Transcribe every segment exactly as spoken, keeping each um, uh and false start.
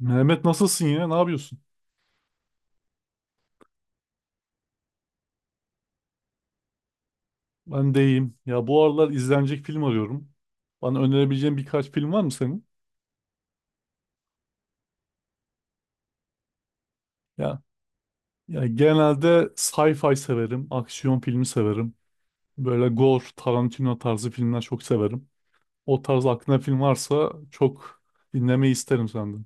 Mehmet, nasılsın ya? Ne yapıyorsun? Ben de iyiyim. Ya bu aralar izlenecek film arıyorum. Bana önerebileceğin birkaç film var mı senin? Ya, ya genelde sci-fi severim, aksiyon filmi severim. Böyle gore, Tarantino tarzı filmler çok severim. O tarz aklına film varsa çok dinlemeyi isterim senden.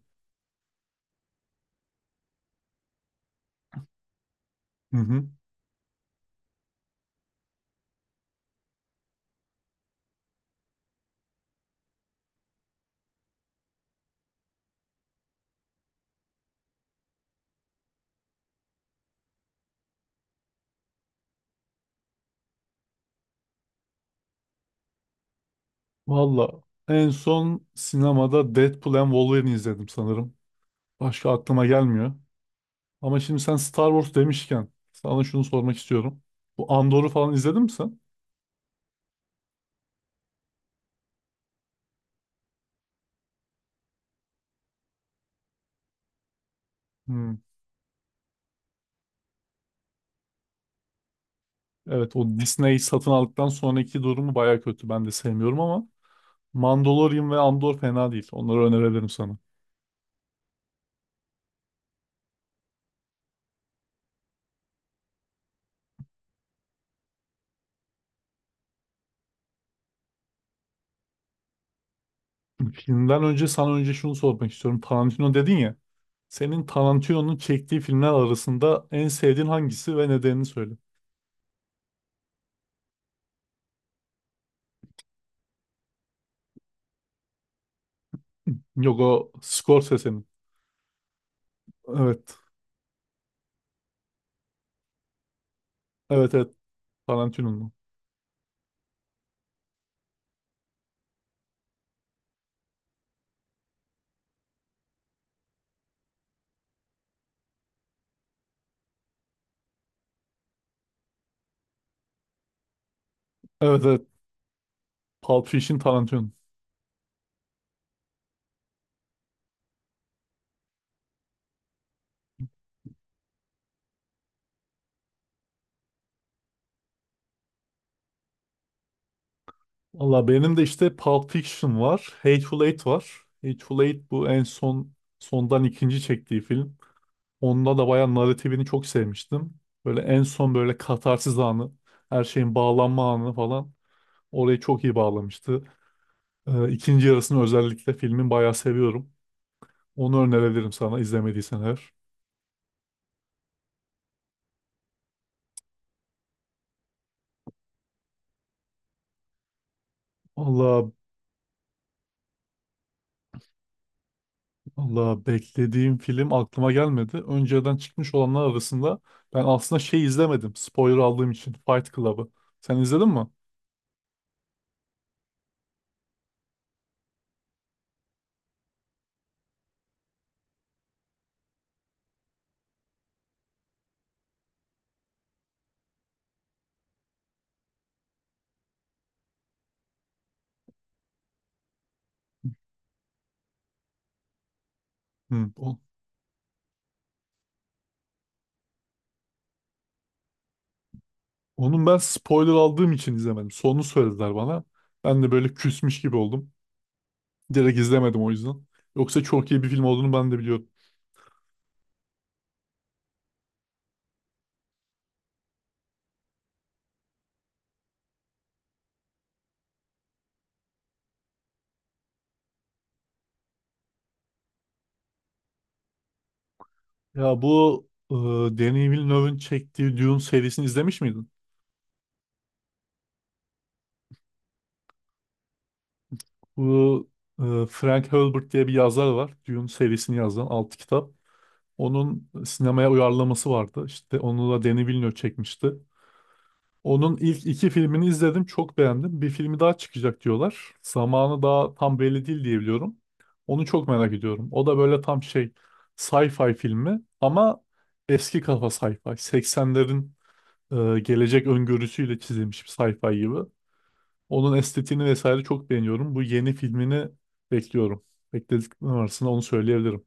Hı hı. Valla, en son sinemada Deadpool and Wolverine izledim sanırım. Başka aklıma gelmiyor. Ama şimdi sen Star Wars demişken sana şunu sormak istiyorum. Bu Andor'u falan izledin mi sen? Hmm. Evet, o Disney satın aldıktan sonraki durumu baya kötü. Ben de sevmiyorum ama Mandalorian ve Andor fena değil. Onları önerebilirim sana. Filmden önce sana önce şunu sormak istiyorum. Tarantino dedin ya. Senin Tarantino'nun çektiği filmler arasında en sevdiğin hangisi ve nedenini söyle. Yok, o Scorsese'nin. Evet. Evet evet. Tarantino'nun. Evet evet. Pulp Fiction Tarantino'nun. Valla, benim de işte Pulp Fiction var. Hateful Eight var. Hateful Eight bu en son sondan ikinci çektiği film. Onda da bayağı narratifini çok sevmiştim. Böyle en son böyle katarsis anı, her şeyin bağlanma anı falan orayı çok iyi bağlamıştı. Ee, ikinci yarısını özellikle filmin bayağı seviyorum. Onu önerebilirim sana izlemediysen eğer. Allah Allah, beklediğim film aklıma gelmedi. Önceden çıkmış olanlar arasında ben aslında şey izlemedim. Spoiler aldığım için Fight Club'ı. Sen izledin mi? Hı, o- onun ben spoiler aldığım için izlemedim. Sonunu söylediler bana. Ben de böyle küsmüş gibi oldum. Direkt izlemedim o yüzden. Yoksa çok iyi bir film olduğunu ben de biliyorum. Ya bu e, Denis Villeneuve'ın çektiği Dune serisini izlemiş miydin? Bu e, Frank Herbert diye bir yazar var. Dune serisini yazan altı kitap. Onun sinemaya uyarlaması vardı. İşte onu da Denis Villeneuve çekmişti. Onun ilk iki filmini izledim, çok beğendim. Bir filmi daha çıkacak diyorlar. Zamanı daha tam belli değil diye biliyorum. Onu çok merak ediyorum. O da böyle tam şey sci-fi filmi ama eski kafa sci-fi. seksenlerin e, gelecek öngörüsüyle çizilmiş bir sci-fi gibi. Onun estetiğini vesaire çok beğeniyorum. Bu yeni filmini bekliyorum. Beklediklerim arasında onu söyleyebilirim.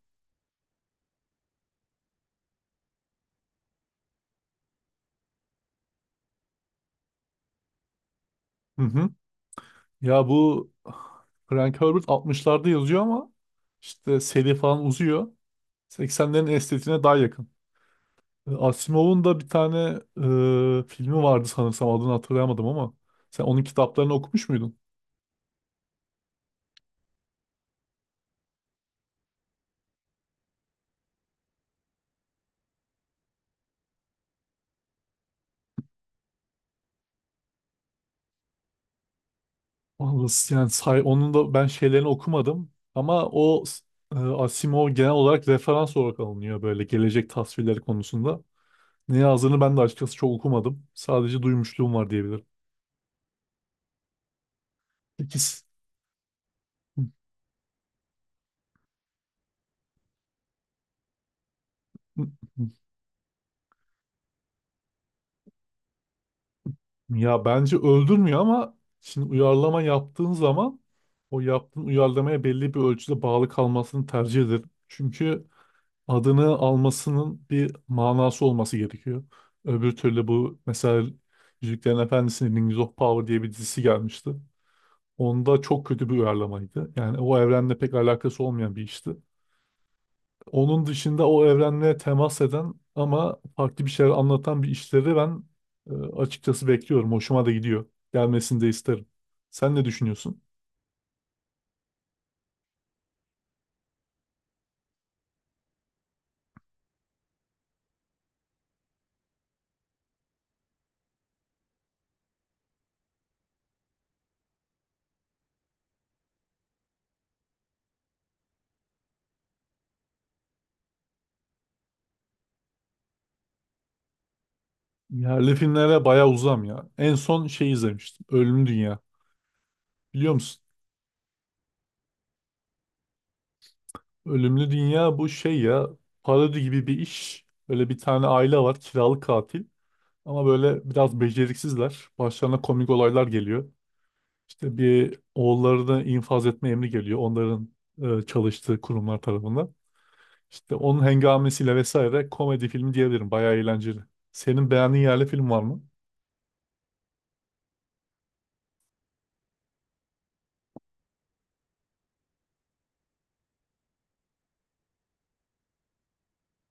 Hı hı. Ya bu Frank Herbert altmışlarda yazıyor ama işte seri falan uzuyor. seksenlerin estetiğine daha yakın. E, Asimov'un da bir tane e, filmi vardı sanırsam, adını hatırlayamadım ama sen onun kitaplarını okumuş muydun? Vallahi s- yani say, onun da ben şeylerini okumadım ama o s- e, Asimov genel olarak referans olarak alınıyor böyle gelecek tasvirleri konusunda. Ne yazdığını ben de açıkçası çok okumadım. Sadece duymuşluğum var diyebilirim. İkisi. Ya bence öldürmüyor ama şimdi uyarlama yaptığın zaman o yaptığın uyarlamaya belli bir ölçüde bağlı kalmasını tercih ederim. Çünkü adını almasının bir manası olması gerekiyor. Öbür türlü bu mesela Yüzüklerin Efendisi'nin Rings of Power diye bir dizisi gelmişti. Onda çok kötü bir uyarlamaydı. Yani o evrenle pek alakası olmayan bir işti. Onun dışında o evrenle temas eden ama farklı bir şeyler anlatan bir işleri ben e, açıkçası bekliyorum. Hoşuma da gidiyor. Gelmesini de isterim. Sen ne düşünüyorsun? Yerli filmlere bayağı uzam ya. En son şey izlemiştim. Ölümlü Dünya. Biliyor musun? Ölümlü Dünya bu şey ya, parodi gibi bir iş. Böyle bir tane aile var, kiralık katil. Ama böyle biraz beceriksizler. Başlarına komik olaylar geliyor. İşte bir oğullarını infaz etme emri geliyor. Onların e, çalıştığı kurumlar tarafından. İşte onun hengamesiyle vesaire komedi filmi diyebilirim. Bayağı eğlenceli. Senin beğendiğin yerli film var mı?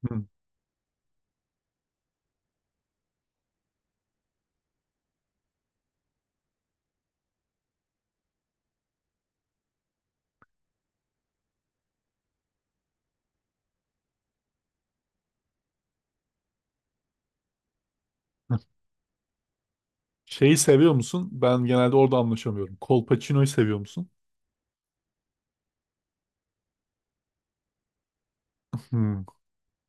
Hmm. Şeyi seviyor musun? Ben genelde orada anlaşamıyorum. Kolpaçino'yu seviyor musun? Hmm.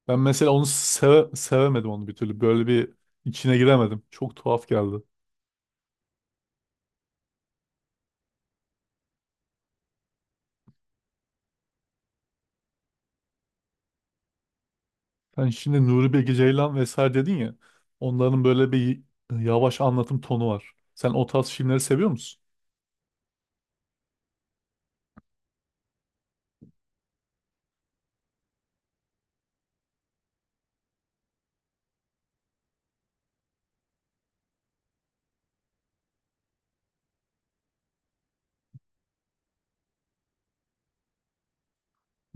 Ben mesela onu seve- sevemedim onu bir türlü. Böyle bir içine giremedim. Çok tuhaf geldi. Sen şimdi Nuri Bilge Ceylan vesaire dedin ya. Onların böyle bir yavaş anlatım tonu var. Sen o tarz filmleri seviyor musun?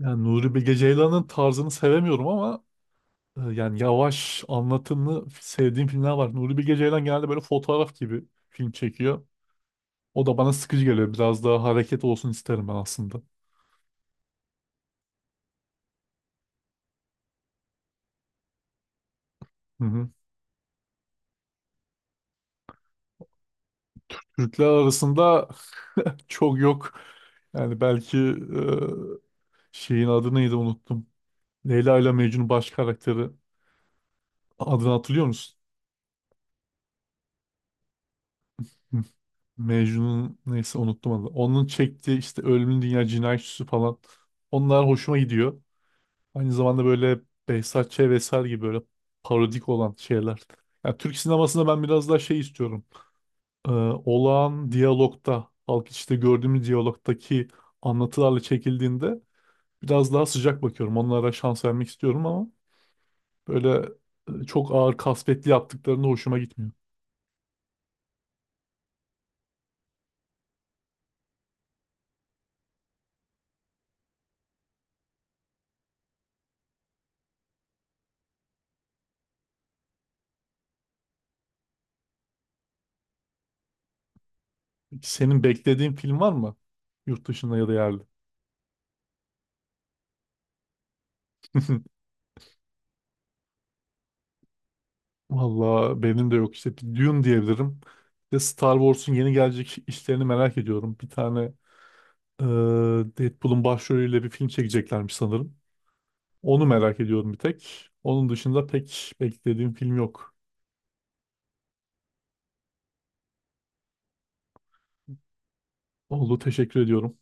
Yani Nuri Bilge Ceylan'ın tarzını sevemiyorum ama e, yani yavaş anlatımlı sevdiğim filmler var. Nuri Bilge Ceylan genelde böyle fotoğraf gibi film çekiyor. O da bana sıkıcı geliyor. Biraz daha hareket olsun isterim ben aslında. Hı hı. Türkler arasında çok yok. Yani belki e, şeyin adı neydi unuttum. Leyla ile Mecnun baş karakteri. Adını hatırlıyor musun? Hı. Mecnun'un neyse unuttum adını. Onun çektiği işte Ölümün Dünya, Cinayet Süsü falan. Onlar hoşuma gidiyor. Aynı zamanda böyle Behzat Ç. vesaire gibi böyle parodik olan şeyler. Yani Türk sinemasında ben biraz daha şey istiyorum. Ee, Olağan diyalogta, halk içinde gördüğümüz diyalogtaki anlatılarla çekildiğinde biraz daha sıcak bakıyorum. Onlara şans vermek istiyorum ama böyle e, çok ağır kasvetli yaptıklarında hoşuma gitmiyor. Peki senin beklediğin film var mı? Yurt dışında ya da yerli. Valla benim de yok işte. Bir Dune diyebilirim. Bir de Star Wars'un yeni gelecek işlerini merak ediyorum. Bir tane Ee, Deadpool'un başrolüyle bir film çekeceklermiş sanırım. Onu merak ediyorum bir tek. Onun dışında pek beklediğim film yok. Oldu, teşekkür ediyorum.